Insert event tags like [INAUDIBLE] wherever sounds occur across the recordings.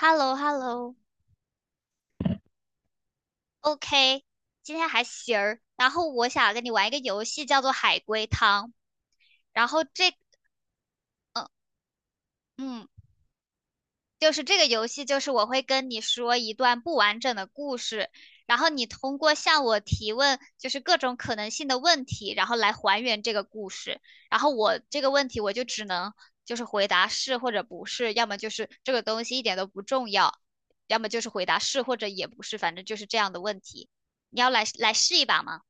h e l l o h e l l o o k 今天还行儿。然后我想跟你玩一个游戏，叫做海龟汤。然后这，嗯，就是这个游戏，就是我会跟你说一段不完整的故事，然后你通过向我提问，就是各种可能性的问题，然后来还原这个故事。然后我这个问题，我就只能就是回答是或者不是，要么就是这个东西一点都不重要，要么就是回答是或者也不是，反正就是这样的问题。你要来试一把吗？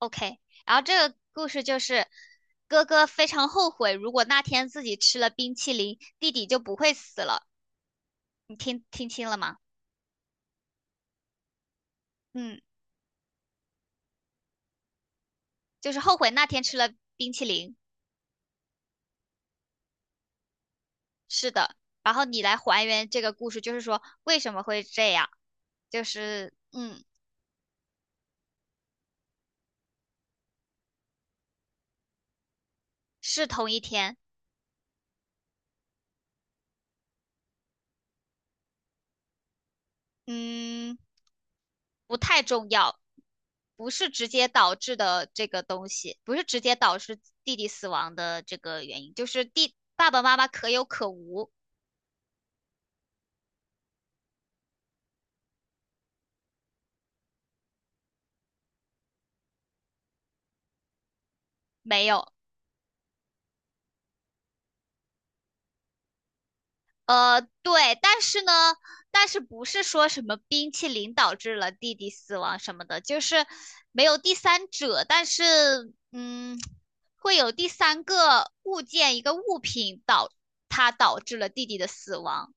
OK，然后这个故事就是哥哥非常后悔，如果那天自己吃了冰淇淋，弟弟就不会死了。你听清了吗？嗯，就是后悔那天吃了冰淇淋。是的，然后你来还原这个故事，就是说为什么会这样？就是嗯，是同一天，嗯，不太重要，不是直接导致的这个东西，不是直接导致弟弟死亡的这个原因，就是弟爸爸妈妈可有可无。没有，对，但是呢，但是不是说什么冰淇淋导致了弟弟死亡什么的，就是没有第三者，但是嗯，会有第三个物件一个物品导它导致了弟弟的死亡，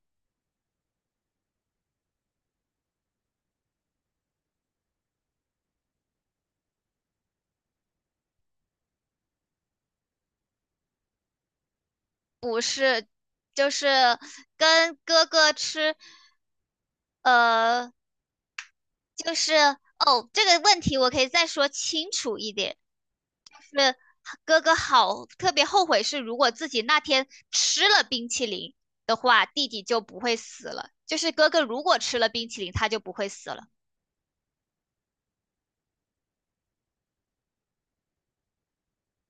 不是，就是跟哥哥吃，呃，就是哦，这个问题我可以再说清楚一点。是哥哥好特别后悔是，如果自己那天吃了冰淇淋的话，弟弟就不会死了。就是哥哥如果吃了冰淇淋，他就不会死了。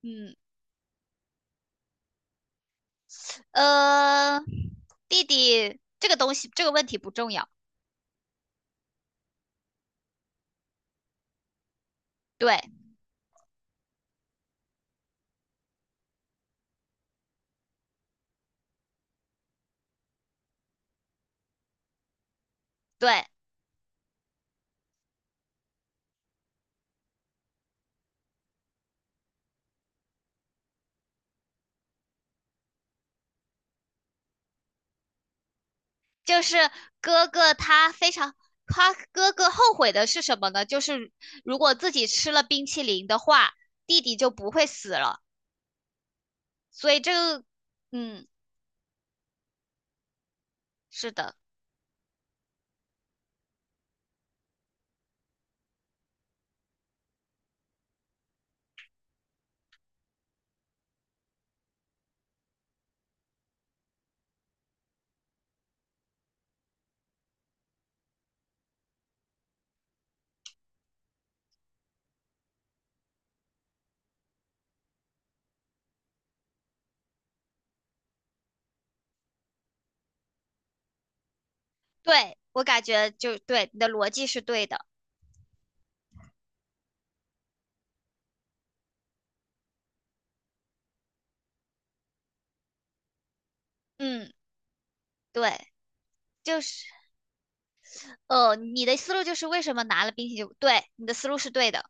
嗯，呃，弟弟这个东西这个问题不重要。对对，就是哥哥他非常。他哥哥后悔的是什么呢？就是如果自己吃了冰淇淋的话，弟弟就不会死了。所以这个，嗯，是的。对，我感觉就对，你的逻辑是对的。嗯，对，就是你的思路就是为什么拿了冰淇淋？对，你的思路是对的。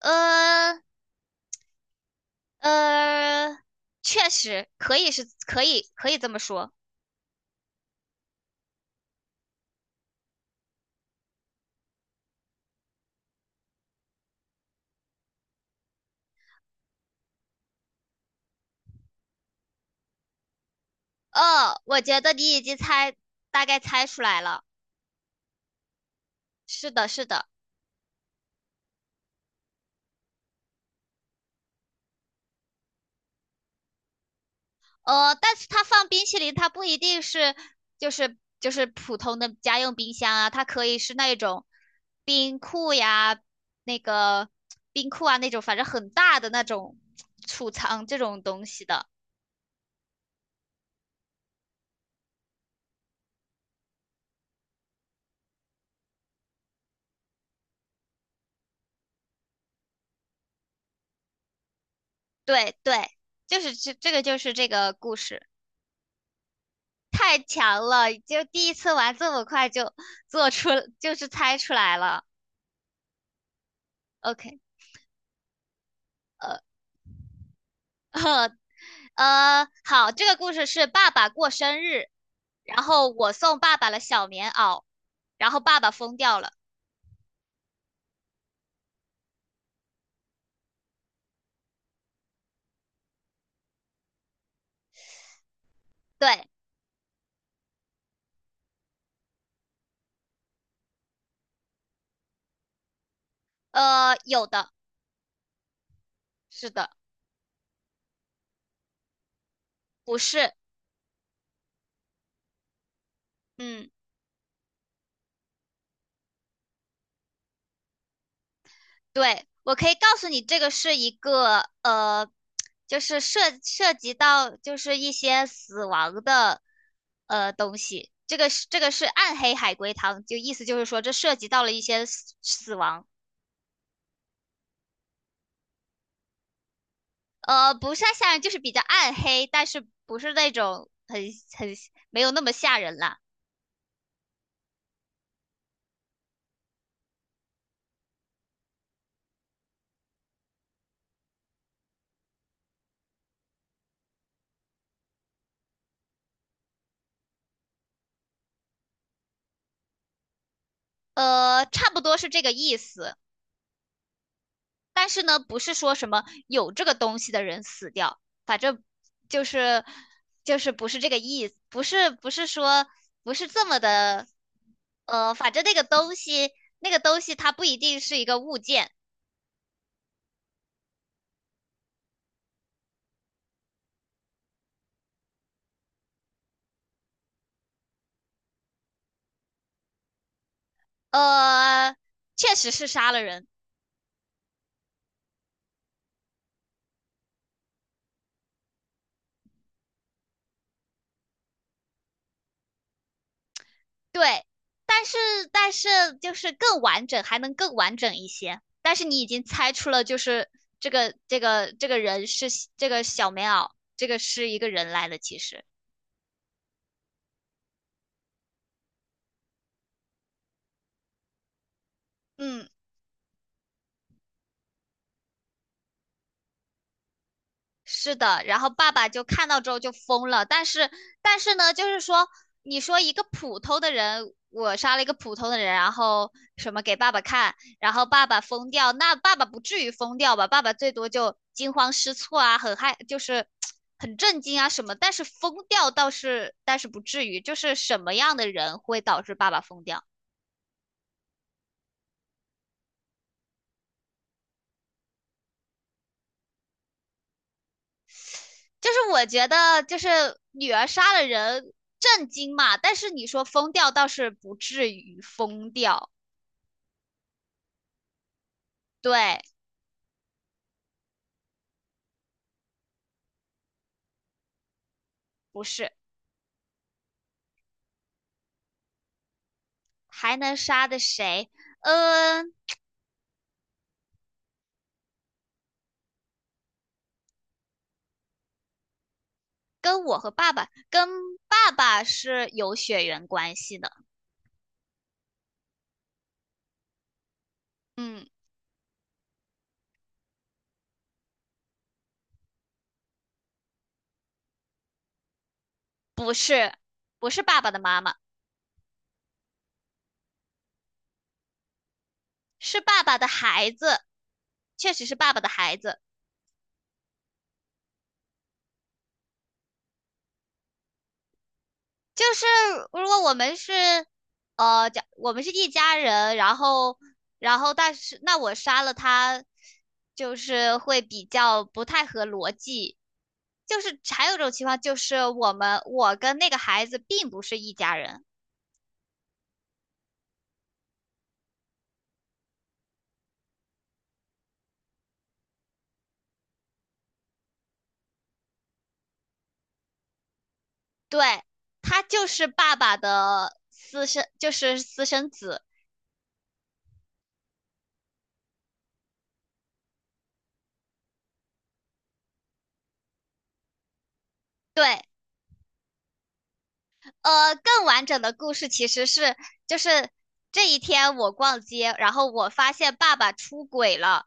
呃呃，确实可以是可以可以这么说。哦，我觉得你已经猜大概猜出来了。是的，是的。但是它放冰淇淋，它不一定是就是普通的家用冰箱啊，它可以是那种冰库呀，那个冰库啊那种，反正很大的那种储藏这种东西的。对对，这个就是这个故事，太强了，就第一次玩这么快就做出就是猜出来了。OK，呃 [LAUGHS] 好，这个故事是爸爸过生日。然后我送爸爸了小棉袄，然后爸爸疯掉了。对，呃，有的，是的，不是，嗯，对，我可以告诉你，这个是一个就是涉及到就是一些死亡的东西。这个是暗黑海龟汤，就意思就是说这涉及到了一些死亡，不是太吓人，就是比较暗黑，但是不是那种很没有那么吓人啦。差不多是这个意思。但是呢，不是说什么有这个东西的人死掉，反正就是就是不是这个意思，不是说不是这么的，反正那个东西它不一定是一个物件，呃，确实是杀了人，对，但是但是就是更完整，还能更完整一些，但是你已经猜出了，就是这个人是这个小棉袄，这个是一个人来的，其实，嗯。是的，然后爸爸就看到之后就疯了，但是呢，就是说，你说一个普通的人，我杀了一个普通的人，然后什么给爸爸看，然后爸爸疯掉，那爸爸不至于疯掉吧？爸爸最多就惊慌失措啊，很害，就是很震惊啊什么，但是疯掉倒是，但是不至于，就是什么样的人会导致爸爸疯掉？就是我觉得，就是女儿杀了人。震惊嘛，但是你说疯掉倒是不至于疯掉，对，不是，还能杀的谁？嗯，跟我和爸爸，跟爸爸是有血缘关系的。嗯，不是，不是爸爸的妈妈，是爸爸的孩子，确实是爸爸的孩子。就是如果我们是，假我们是一家人，然后，然后但是那我杀了他，就是会比较不太合逻辑。就是还有一种情况，就是我们我跟那个孩子并不是一家人，对，他就是爸爸的私生，就是私生子，对，更完整的故事其实是，就是这一天我逛街，然后我发现爸爸出轨了，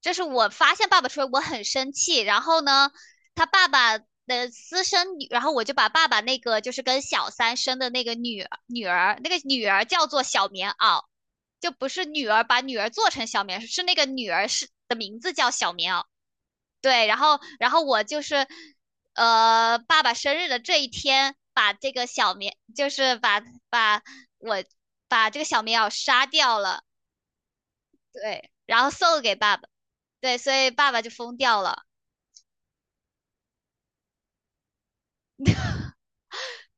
就是我发现爸爸出轨，我很生气。然后呢，他爸爸的私生女，然后我就把爸爸那个就是跟小三生的那个女儿，那个女儿叫做小棉袄，就不是女儿把女儿做成小棉，是那个女儿是的名字叫小棉袄。对，然后我就是，爸爸生日的这一天，把这个小棉，就是把我把这个小棉袄杀掉了，对，然后送给爸爸，对，所以爸爸就疯掉了。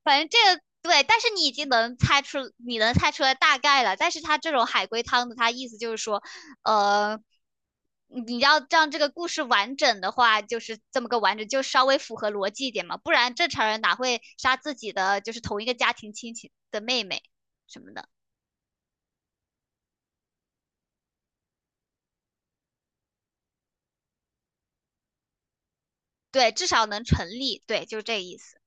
反正这个对，但是你已经能猜出，你能猜出来大概了。但是它这种海龟汤的，它意思就是说，呃，你要让这个故事完整的话，就是这么个完整，就稍微符合逻辑一点嘛，不然正常人哪会杀自己的就是同一个家庭亲戚的妹妹什么的？对，至少能成立。对，就是这个意思。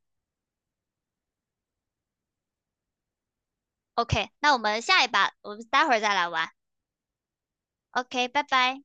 OK，那我们下一把，我们待会儿再来玩。OK，拜拜。